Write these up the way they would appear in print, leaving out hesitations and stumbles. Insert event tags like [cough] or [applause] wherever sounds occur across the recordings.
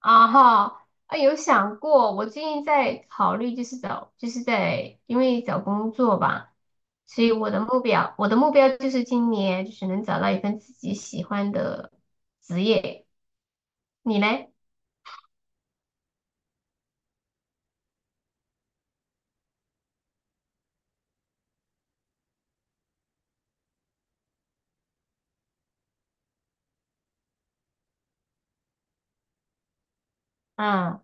啊哈，有想过。我最近在考虑，就是找，就是因为找工作吧，所以我的目标就是今年就是能找到一份自己喜欢的职业。你嘞？嗯。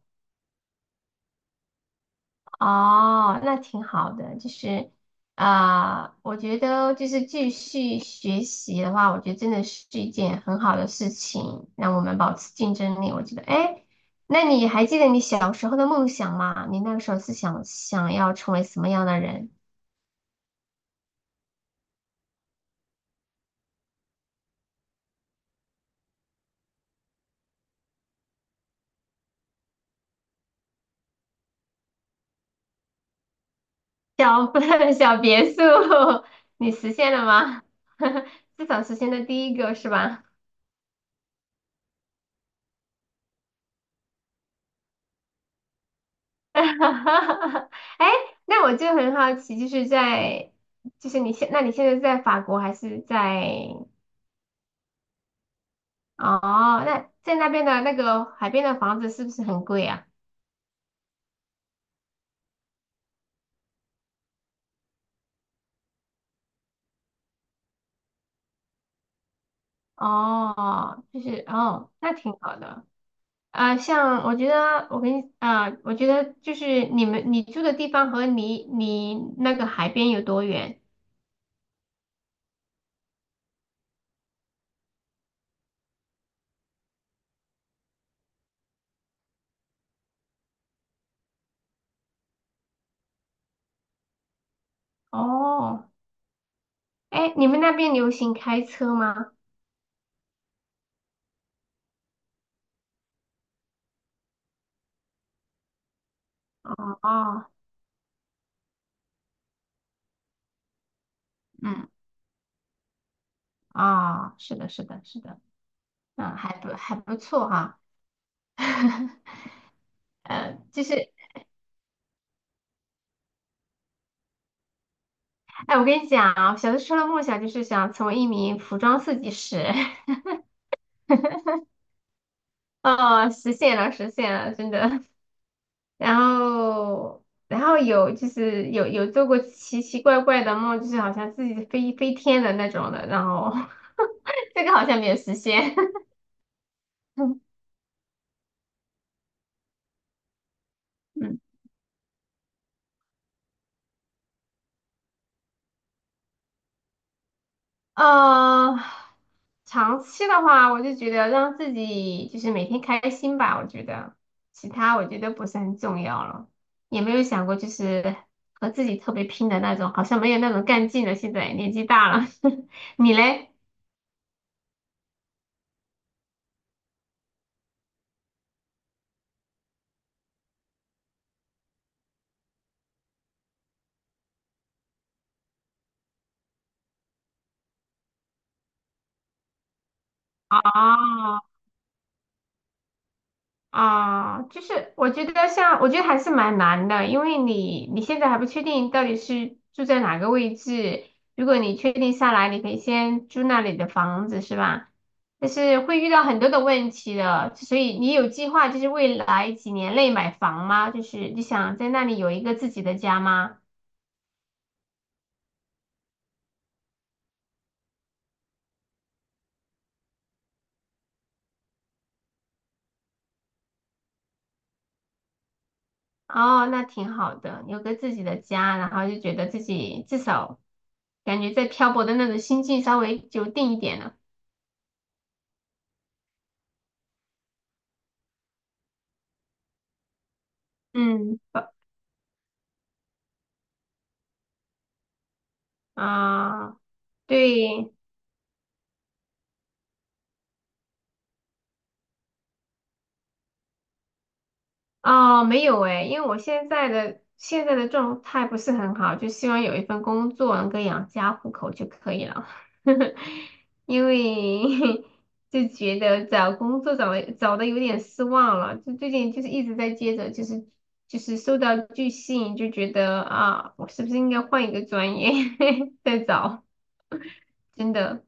哦，那挺好的。就是我觉得就是继续学习的话，我觉得真的是一件很好的事情，让我们保持竞争力。我觉得，哎，那你还记得你小时候的梦想吗？你那个时候是想要成为什么样的人？小 [laughs] 小别墅，[laughs] 你实现了吗？[laughs] 至少实现了第一个是吧？[laughs] 哈哈哈！哎，那我就很好奇，就是在，就是你现，那你现在是在法国还是在？哦，那在那边的那个海边的房子是不是很贵啊？哦，就是哦，那挺好的。像我觉得，我跟你我觉得就是你住的地方和你那个海边有多远？哦，哎，你们那边流行开车吗？哦，嗯，是的，是的，是的。嗯，还不错哈、[laughs] 就是，哎，我跟你讲啊，小的时候的梦想就是想成为一名服装设计师。[laughs] 哦，实现了，实现了，真的。[laughs] 然后，然后有就是有有做过奇奇怪怪的梦，就是好像自己飞天的那种的，然后 [laughs] 这个好像没有实现。[laughs] 嗯呃，长期的话，我就觉得让自己就是每天开心吧，我觉得其他我觉得不是很重要了，也没有想过就是和自己特别拼的那种，好像没有那种干劲了。现在年纪大了。[laughs] 你嘞？哦，就是我觉得像，我觉得还是蛮难的，因为你现在还不确定到底是住在哪个位置。如果你确定下来，你可以先租那里的房子，是吧？但是会遇到很多的问题的，所以你有计划就是未来几年内买房吗？就是你想在那里有一个自己的家吗？哦，那挺好的，有个自己的家，然后就觉得自己至少感觉在漂泊的那种心境稍微就定一点了。嗯啊。对。哦，没有诶，因为我现在的状态不是很好，就希望有一份工作能够养家糊口就可以了。[laughs] 因为 [laughs] 就觉得找工作找的有点失望了，就最近就是一直在接着，就是受到拒信，就觉得啊，我是不是应该换一个专业 [laughs] 再找？真的。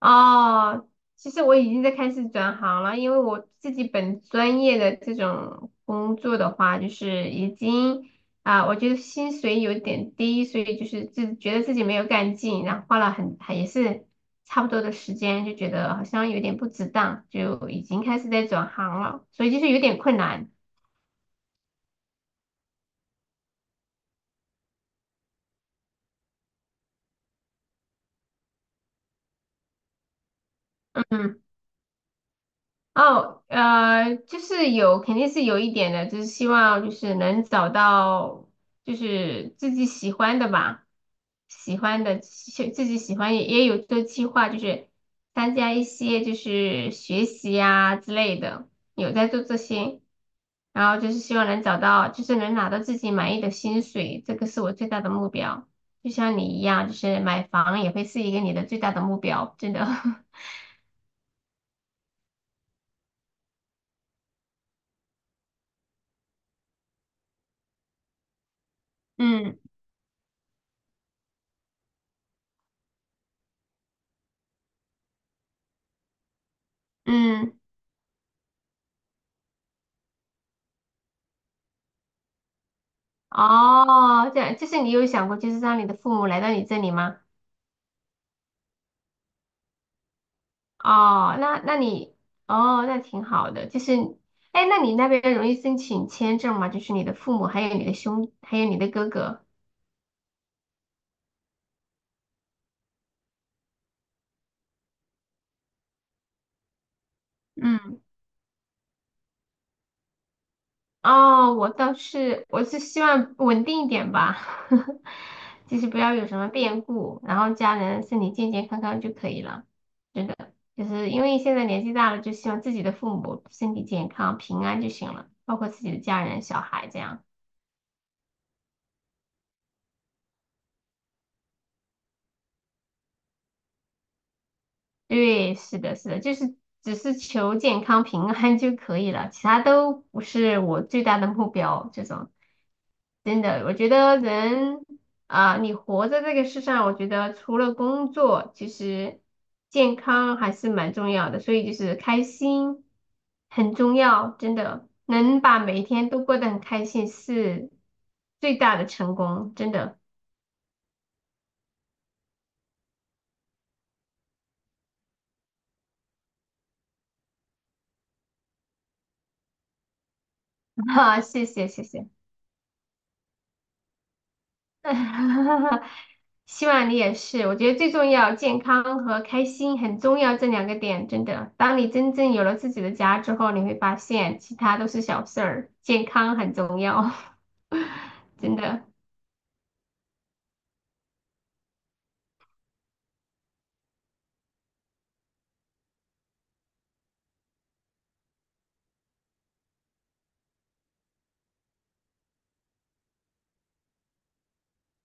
哦，其实我已经在开始转行了，因为我自己本专业的这种工作的话，就是已经我觉得薪水有点低，所以就是自觉得自己没有干劲，然后花了很还也是差不多的时间，就觉得好像有点不值当，就已经开始在转行了，所以就是有点困难。嗯。哦，就是有，肯定是有一点的，就是希望就是能找到就是自己喜欢的吧，喜欢的，自己喜欢也有做计划，就是参加一些就是学习呀、之类的，有在做这些，然后就是希望能找到，就是能拿到自己满意的薪水，这个是我最大的目标。就像你一样，就是买房也会是一个你的最大的目标，真的。[laughs] 嗯嗯。哦，这样就是你有想过，就是让你的父母来到你这里吗？哦，那那你哦，那挺好的。就是，哎，那你那边容易申请签证吗？就是你的父母，还有你的哥哥。嗯。哦，我是希望稳定一点吧，[laughs] 就是不要有什么变故，然后家人身体健健康康就可以了。是的，就是因为现在年纪大了，就希望自己的父母身体健康、平安就行了，包括自己的家人、小孩这样。对，是的，是的，就是只是求健康平安就可以了，其他都不是我最大的目标。这种真的，我觉得人啊，你活在这个世上，我觉得除了工作，其实健康还是蛮重要的，所以就是开心很重要，真的能把每一天都过得很开心是最大的成功，真的。[laughs] 啊，谢谢，谢谢。[laughs] 希望你也是。我觉得最重要，健康和开心很重要，这两个点真的。当你真正有了自己的家之后，你会发现其他都是小事儿，健康很重要。[laughs] 真的。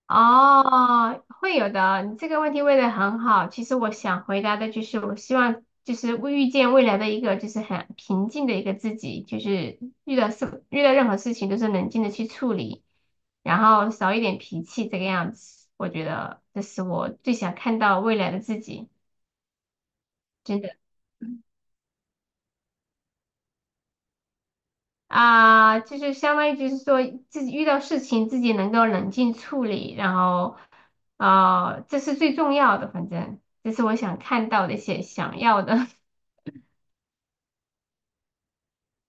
哦，会有的。你这个问题问的很好。其实我想回答的就是，我希望就是未遇见未来的一个就是很平静的一个自己，就是遇到任何事情都是冷静的去处理，然后少一点脾气这个样子。我觉得这是我最想看到未来的自己，真的。啊，就是相当于就是说自己遇到事情自己能够冷静处理，然后啊，这是最重要的，反正这是我想看到的一些想要的。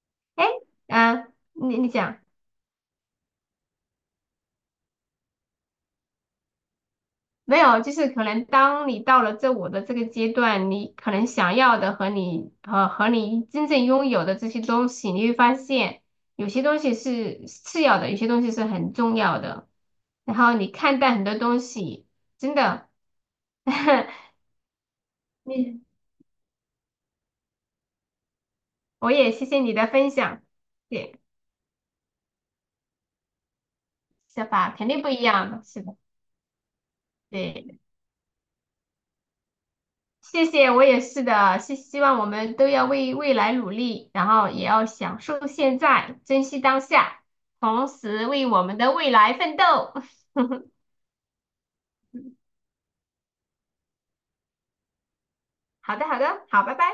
[laughs] 哎，嗯，你讲没有？就是可能当你到了我的这个阶段，你可能想要的和你和和你真正拥有的这些东西，你会发现有些东西是次要的，有些东西是很重要的。然后你看待很多东西，真的。[laughs] 你我也谢谢你的分享，对，想法肯定不一样的，是的，对，谢谢，我也是的，是希望我们都要为未来努力，然后也要享受现在，珍惜当下，同时为我们的未来奋斗。[laughs] 好的，好的，好，拜拜。